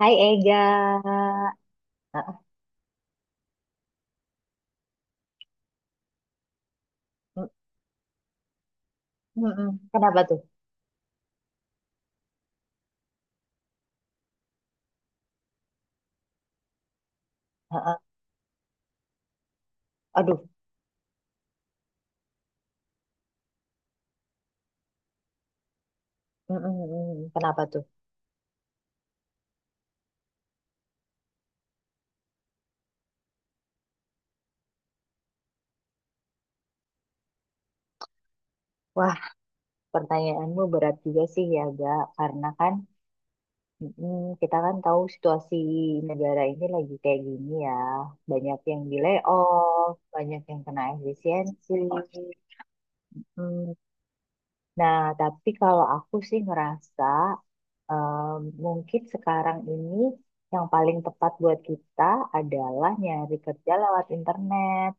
Hai Ega. Heeh. Mm, mm, mm. Kenapa tuh? Heeh. Aduh. Mm, mm, mm. Kenapa tuh? Wah, pertanyaanmu berat juga sih ya, Ga. Karena kan kita kan tahu situasi negara ini lagi kayak gini ya. Banyak yang di layoff, banyak yang kena efisiensi. Mm. Nah, tapi kalau aku sih ngerasa em, mungkin sekarang ini yang paling tepat buat kita adalah nyari kerja lewat internet.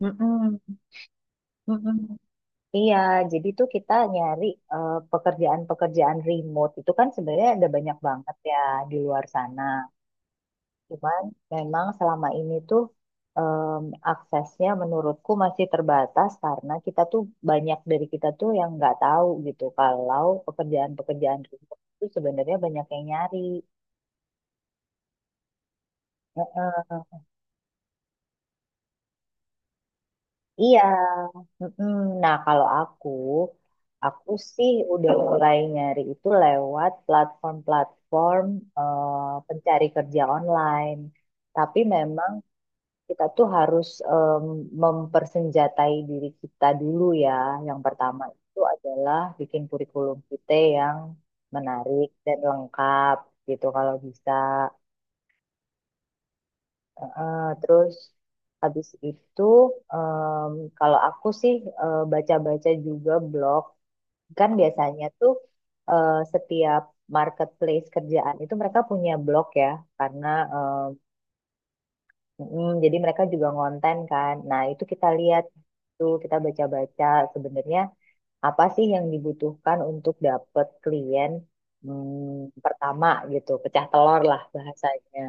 Mm-mm, mm-mm. Iya, jadi tuh kita nyari pekerjaan-pekerjaan remote itu kan sebenarnya ada banyak banget ya di luar sana. Cuman memang selama ini tuh em, aksesnya menurutku masih terbatas karena kita tuh banyak dari kita tuh yang nggak tahu gitu kalau pekerjaan-pekerjaan remote itu sebenarnya banyak yang nyari. Heeh. Iya, mm-mm. Nah kalau aku sih udah mulai nyari itu lewat platform-platform eh, pencari kerja online. Tapi memang kita tuh harus mempersenjatai diri kita dulu ya. Yang pertama itu adalah bikin kurikulum kita yang menarik dan lengkap gitu kalau bisa. Heeh, terus habis itu em, kalau aku sih baca-baca juga blog. Kan biasanya tuh setiap marketplace kerjaan itu mereka punya blog ya, karena jadi mereka juga ngonten kan. Nah, itu kita lihat tuh kita baca-baca sebenarnya apa sih yang dibutuhkan untuk dapet klien pertama gitu, pecah telur lah bahasanya.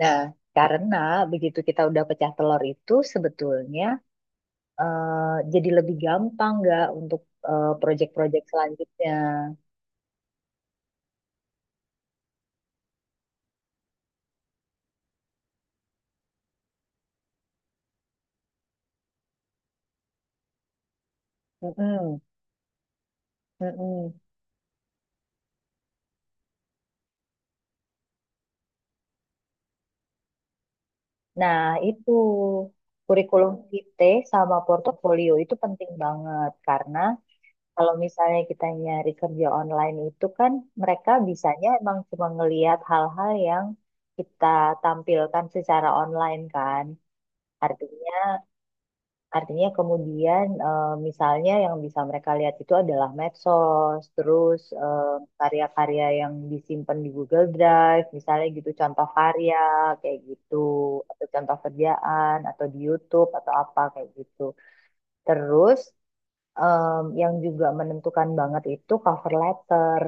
Nah, karena begitu kita udah pecah telur itu sebetulnya eh, jadi lebih gampang nggak untuk proyek-proyek selanjutnya. Mm-mm, mm-mm. Nah, itu kurikulum vitae sama portofolio itu penting banget karena kalau misalnya kita nyari kerja online itu kan mereka bisanya emang cuma ngelihat hal-hal yang kita tampilkan secara online kan. Artinya Artinya kemudian misalnya yang bisa mereka lihat itu adalah medsos, terus karya-karya yang disimpan di Google Drive, misalnya gitu contoh karya kayak gitu, atau contoh kerjaan, atau di YouTube atau apa kayak gitu. Terus yang juga menentukan banget itu cover letter,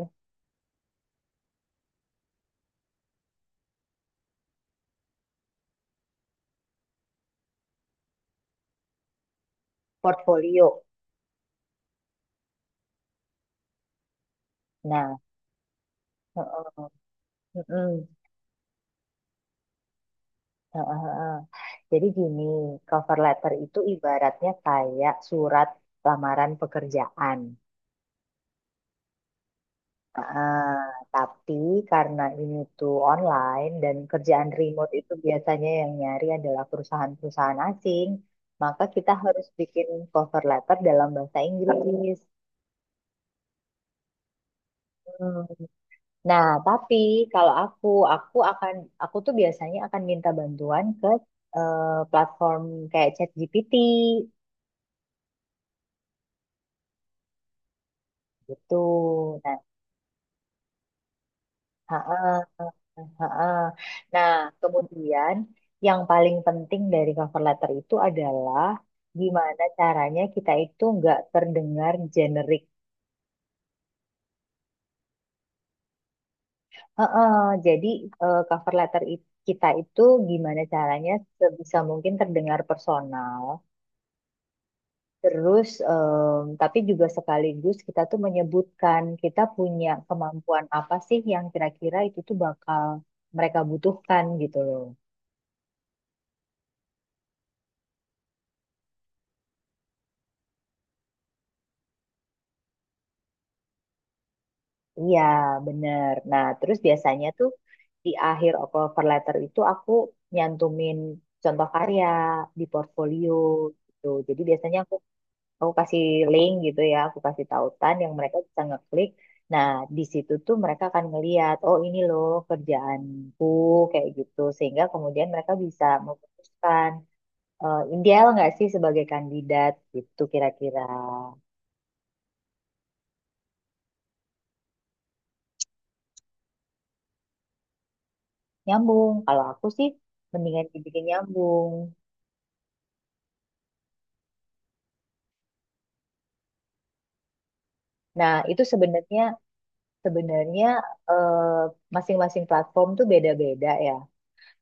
portfolio. Nah, heeh, heeh. Heeh, heeh. Jadi gini, cover letter itu ibaratnya kayak surat lamaran pekerjaan. Heeh, tapi karena ini tuh online dan kerjaan remote itu biasanya yang nyari adalah perusahaan-perusahaan asing, maka kita harus bikin cover letter dalam bahasa Inggris. Hmm. Nah, tapi kalau aku akan, aku tuh biasanya akan minta bantuan ke eh, platform kayak ChatGPT gitu. Nah. Ha-ah, ha-ah. Nah, kemudian yang paling penting dari cover letter itu adalah gimana caranya kita itu nggak terdengar generik. ha Jadi cover letter kita itu gimana caranya sebisa mungkin terdengar personal. Terus, tapi juga sekaligus kita tuh menyebutkan kita punya kemampuan apa sih yang kira-kira itu tuh bakal mereka butuhkan gitu loh. Iya, bener. Nah, terus biasanya tuh di akhir cover letter itu aku nyantumin contoh karya di portfolio gitu. Jadi biasanya aku kasih link gitu ya, aku kasih tautan yang mereka bisa ngeklik. Nah, di situ tuh mereka akan ngeliat, oh ini loh kerjaanku kayak gitu. Sehingga kemudian mereka bisa memutuskan, ideal nggak sih sebagai kandidat gitu kira-kira. Nyambung, kalau aku sih mendingan dibikin nyambung. Nah, itu sebenarnya sebenarnya eh, masing-masing platform tuh beda-beda ya.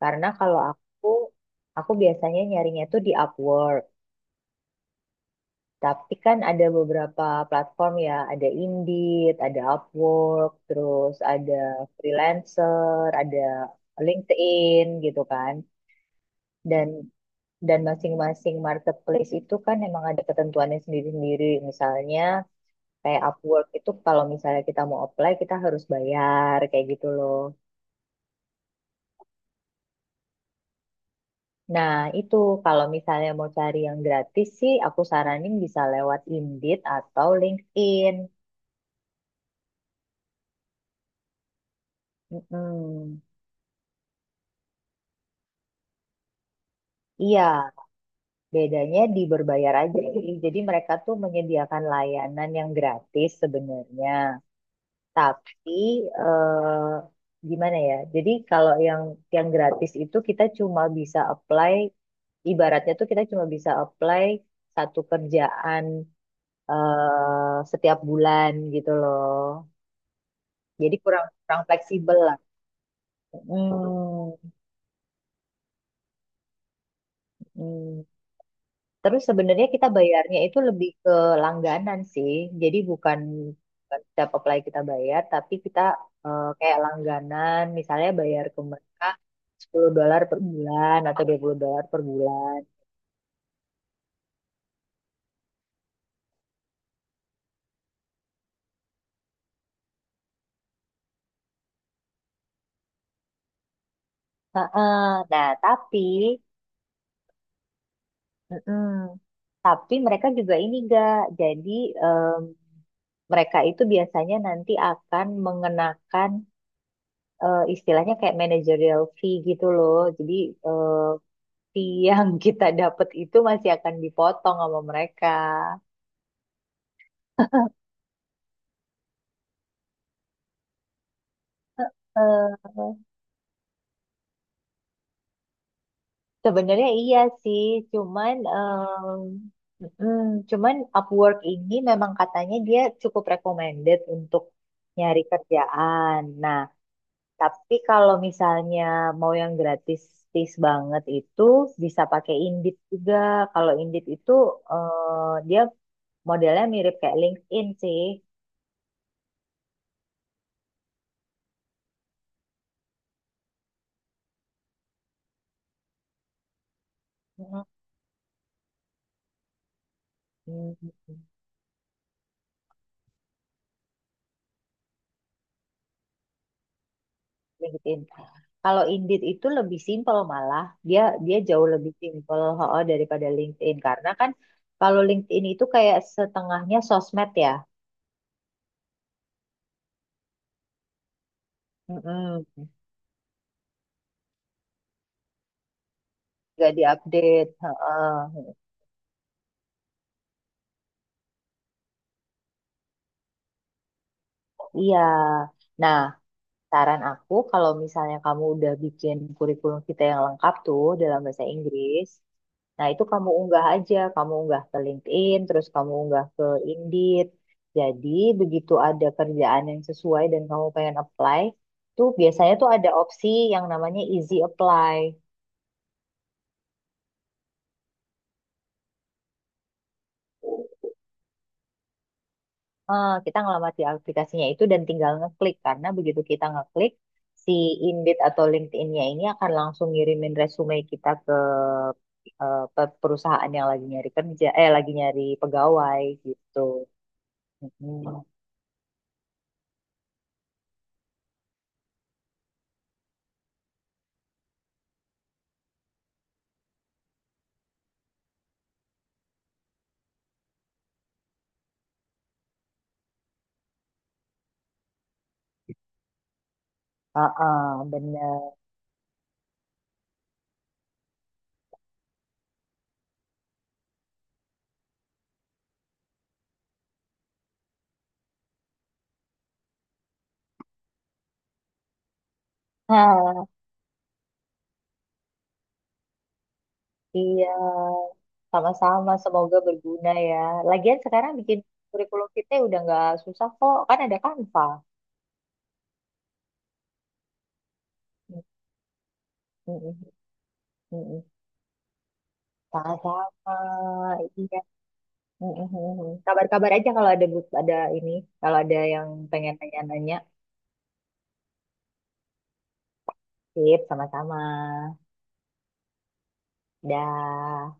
Karena kalau aku biasanya nyarinya tuh di Upwork. Tapi kan ada beberapa platform ya, ada Indeed, ada Upwork, terus ada freelancer, ada LinkedIn gitu kan. Dan dan masing-masing marketplace itu kan emang ada ketentuannya sendiri-sendiri. Misalnya kayak Upwork itu kalau misalnya kita mau apply kita harus bayar kayak gitu loh. Nah, itu kalau misalnya mau cari yang gratis sih aku saranin bisa lewat Indeed atau LinkedIn. Mm-mm. Iya, bedanya di berbayar aja. Jadi mereka tuh menyediakan layanan yang gratis sebenarnya. Tapi gimana ya? Jadi kalau yang gratis itu kita cuma bisa apply ibaratnya tuh kita cuma bisa apply satu kerjaan setiap bulan gitu loh. Jadi kurang kurang fleksibel lah. Hmm, hmm. Terus sebenarnya kita bayarnya itu lebih ke langganan sih. Jadi bukan bukan setiap apply kita bayar, tapi kita kayak langganan, misalnya bayar ke mereka $10 per bulan atau $20 per bulan. Heeh. Nah, tapi. Mm-mm. Tapi mereka juga ini gak, jadi em, mereka itu biasanya nanti akan mengenakan istilahnya kayak managerial fee gitu loh. Jadi eh, fee yang kita dapat itu masih akan dipotong sama mereka. Eh, sebenarnya iya sih, cuman Upwork ini memang katanya dia cukup recommended untuk nyari kerjaan. Nah. Tapi kalau misalnya mau yang gratis gratis banget itu bisa pakai Indeed juga. Kalau Indeed itu dia modelnya mirip kayak LinkedIn sih. Mm, mm, LinkedIn. Kalau Indeed itu lebih simpel malah. Dia dia jauh lebih simpel daripada LinkedIn karena kan kalau LinkedIn itu kayak setengahnya sosmed ya. Mm-mm. Nggak diupdate. Heeh. Iya. Nah, saran aku, kalau misalnya kamu udah bikin kurikulum kita yang lengkap tuh dalam bahasa Inggris, nah itu kamu unggah aja, kamu unggah ke LinkedIn, terus kamu unggah ke Indeed. Jadi begitu ada kerjaan yang sesuai dan kamu pengen apply, tuh biasanya tuh ada opsi yang namanya easy apply. Kita ngelamat di aplikasinya itu dan tinggal ngeklik karena begitu kita ngeklik si Indeed atau LinkedIn-nya ini akan langsung ngirimin resume kita ke perusahaan yang lagi nyari pegawai gitu. Hmm. Heeh, bener. Hah, iya, sama-sama. Semoga berguna ya. Lagian sekarang bikin kurikulum kita udah nggak susah kok, kan ada Canva. Mm, mm, mm, mm. Sama-sama, iya. Mm, mm, mm, mm. Kabar-kabar aja kalau ada ada ini, kalau ada yang pengen nanya-nanya. Sip, sama-sama. Dah.